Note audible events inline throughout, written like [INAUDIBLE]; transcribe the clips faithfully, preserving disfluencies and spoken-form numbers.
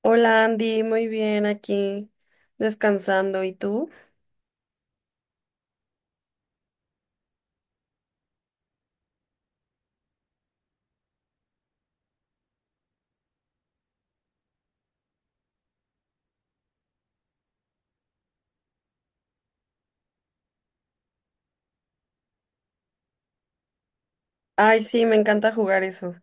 Hola Andy, muy bien aquí, descansando. ¿Y tú? Ay, sí, me encanta jugar eso.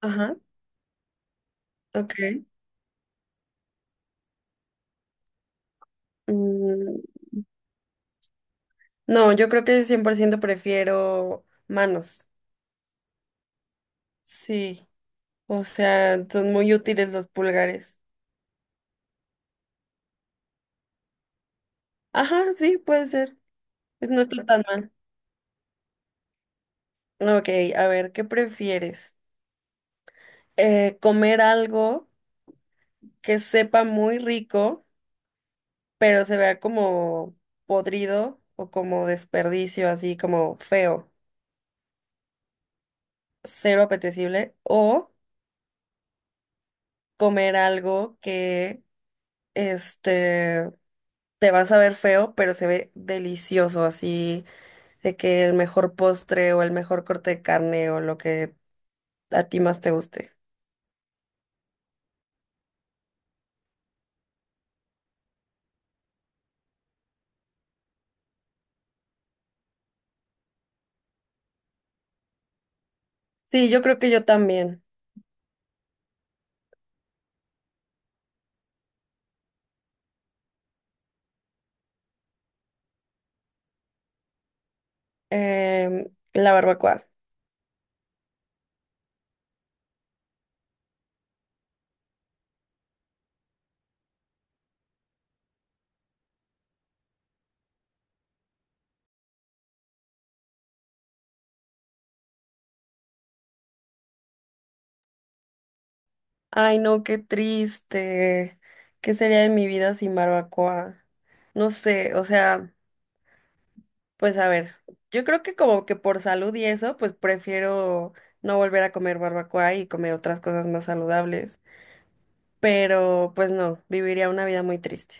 Ajá, ok. Mm, no, yo creo que cien por ciento prefiero manos. Sí, o sea, son muy útiles los pulgares. Ajá, sí, puede ser. Pues no está tan mal. Ok, a ver, ¿qué prefieres? Eh, ¿comer algo que sepa muy rico, pero se vea como podrido o como desperdicio, así como feo? Cero apetecible o comer algo que este te vas a ver feo, pero se ve delicioso, así de que el mejor postre o el mejor corte de carne o lo que a ti más te guste. Sí, yo creo que yo también. Em, la barbacoa. Ay, no, qué triste. ¿Qué sería de mi vida sin barbacoa? No sé, o sea. Pues a ver, yo creo que como que por salud y eso, pues prefiero no volver a comer barbacoa y comer otras cosas más saludables. Pero pues no, viviría una vida muy triste.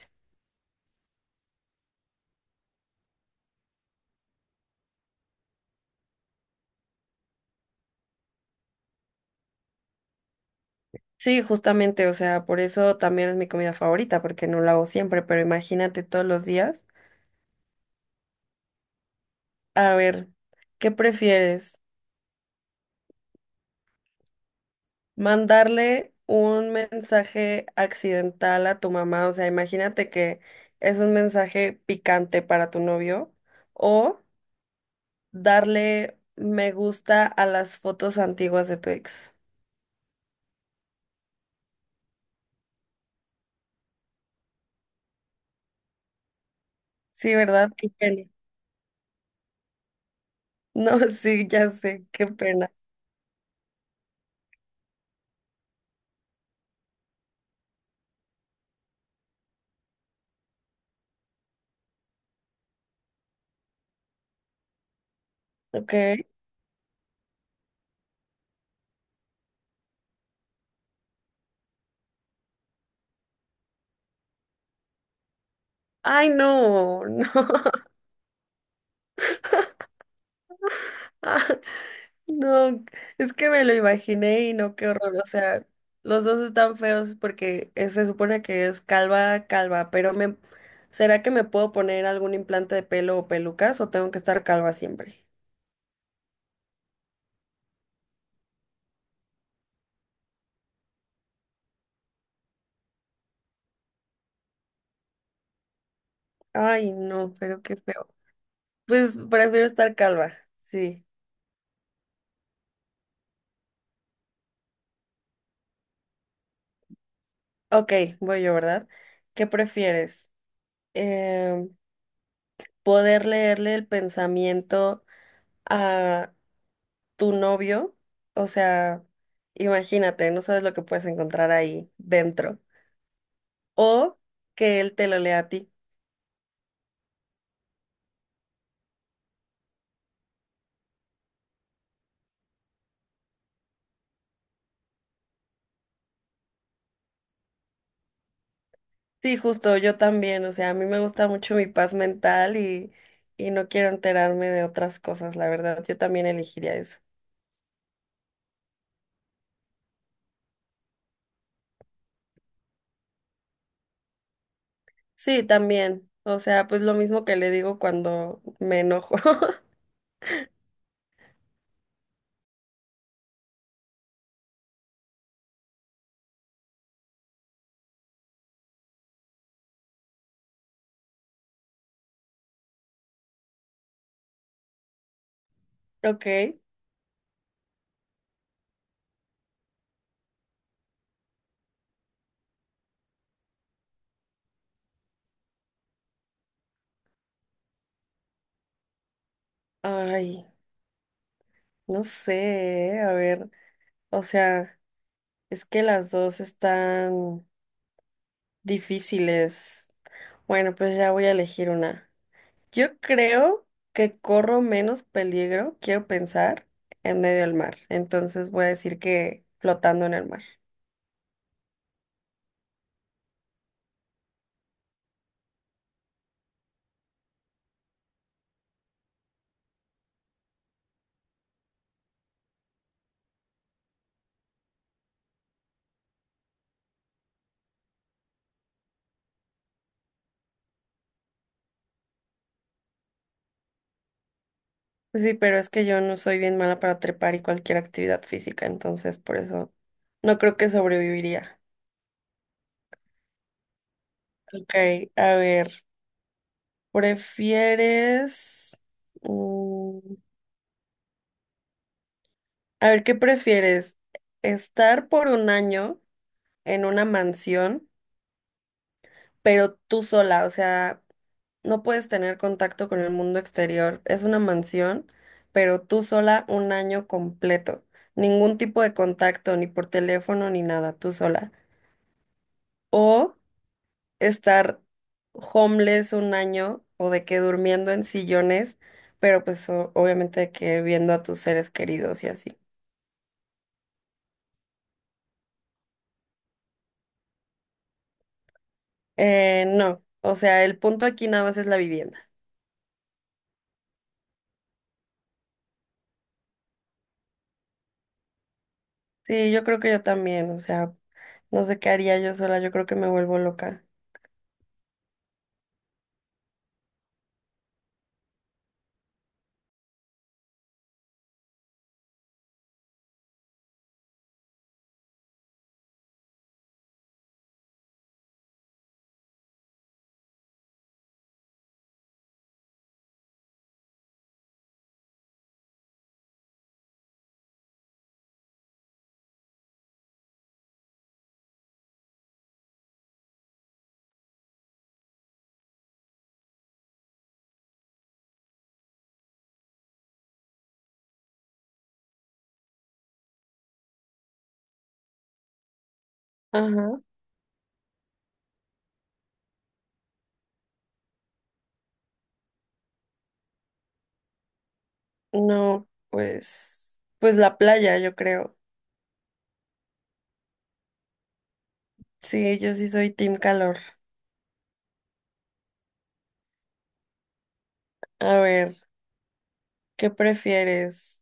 Sí, justamente, o sea, por eso también es mi comida favorita, porque no la hago siempre, pero imagínate todos los días. A ver, ¿qué prefieres? ¿Mandarle un mensaje accidental a tu mamá? O sea, imagínate que es un mensaje picante para tu novio o darle me gusta a las fotos antiguas de tu ex. Sí, ¿verdad? Qué pena. No, [LAUGHS] sí, ya sé, qué pena. Ok. Ay, no, no. [LAUGHS] Ah, no, es que me lo imaginé y no, qué horror. O sea, los dos están feos porque eh, se supone que es calva, calva, pero me, ¿será que me puedo poner algún implante de pelo o pelucas o tengo que estar calva siempre? Ay, no, pero qué feo. Pues prefiero estar calva, sí. Ok, voy yo, ¿verdad? ¿Qué prefieres? Eh, ¿Poder leerle el pensamiento a tu novio? O sea, imagínate, no sabes lo que puedes encontrar ahí dentro. O que él te lo lea a ti. Sí, justo, yo también. O sea, a mí me gusta mucho mi paz mental y, y no quiero enterarme de otras cosas, la verdad. Yo también elegiría eso. Sí, también. O sea, pues lo mismo que le digo cuando me enojo. [LAUGHS] Ok. Ay. No sé, eh, a ver, o sea, es que las dos están difíciles. Bueno, pues ya voy a elegir una. Yo creo que corro menos peligro, quiero pensar, en medio del mar. Entonces voy a decir que flotando en el mar. Pues sí, pero es que yo no soy bien mala para trepar y cualquier actividad física, entonces por eso no creo que sobreviviría. Ok, a ver, ¿prefieres... mm, A ver, ¿qué prefieres? ¿Estar por un año en una mansión, pero tú sola? O sea, no puedes tener contacto con el mundo exterior. Es una mansión, pero tú sola un año completo. Ningún tipo de contacto, ni por teléfono, ni nada, tú sola. O estar homeless un año o de que durmiendo en sillones, pero pues o- obviamente de que viendo a tus seres queridos y así. Eh, no, o sea, el punto aquí nada más es la vivienda. Sí, yo creo que yo también, o sea, no sé qué haría yo sola, yo creo que me vuelvo loca. Ajá. No, pues, pues la playa, yo creo. Sí, yo sí soy team calor. A ver, ¿qué prefieres?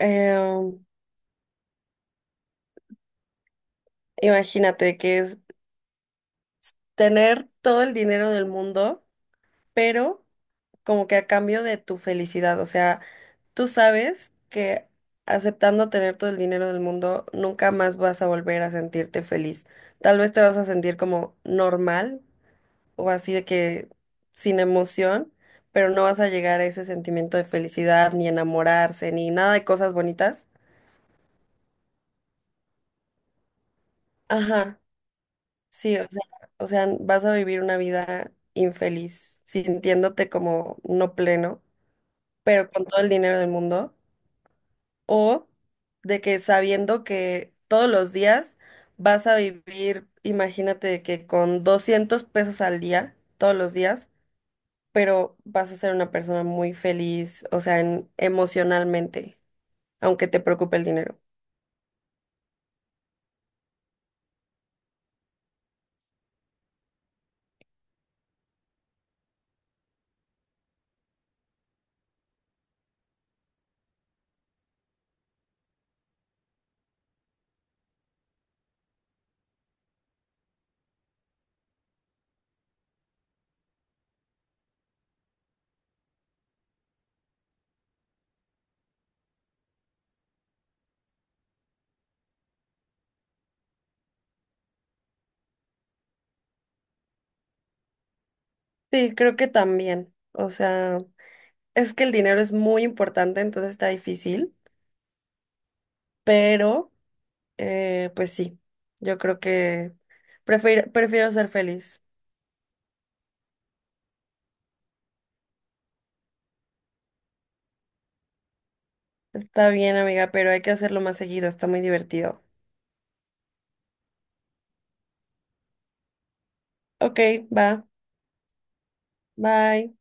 Em, Imagínate que es tener todo el dinero del mundo, pero como que a cambio de tu felicidad, o sea, tú sabes que aceptando tener todo el dinero del mundo, nunca más vas a volver a sentirte feliz. Tal vez te vas a sentir como normal o así de que sin emoción, pero no vas a llegar a ese sentimiento de felicidad, ni enamorarse, ni nada de cosas bonitas. Ajá, sí, o sea, o sea, vas a vivir una vida infeliz, sintiéndote como no pleno, pero con todo el dinero del mundo. O de que sabiendo que todos los días vas a vivir, imagínate que con doscientos pesos al día, todos los días, pero vas a ser una persona muy feliz, o sea, en- emocionalmente, aunque te preocupe el dinero. Sí, creo que también, o sea, es que el dinero es muy importante, entonces está difícil, pero eh, pues sí, yo creo que prefiero, prefiero ser feliz. Está bien, amiga, pero hay que hacerlo más seguido, está muy divertido. Ok, va. Bye.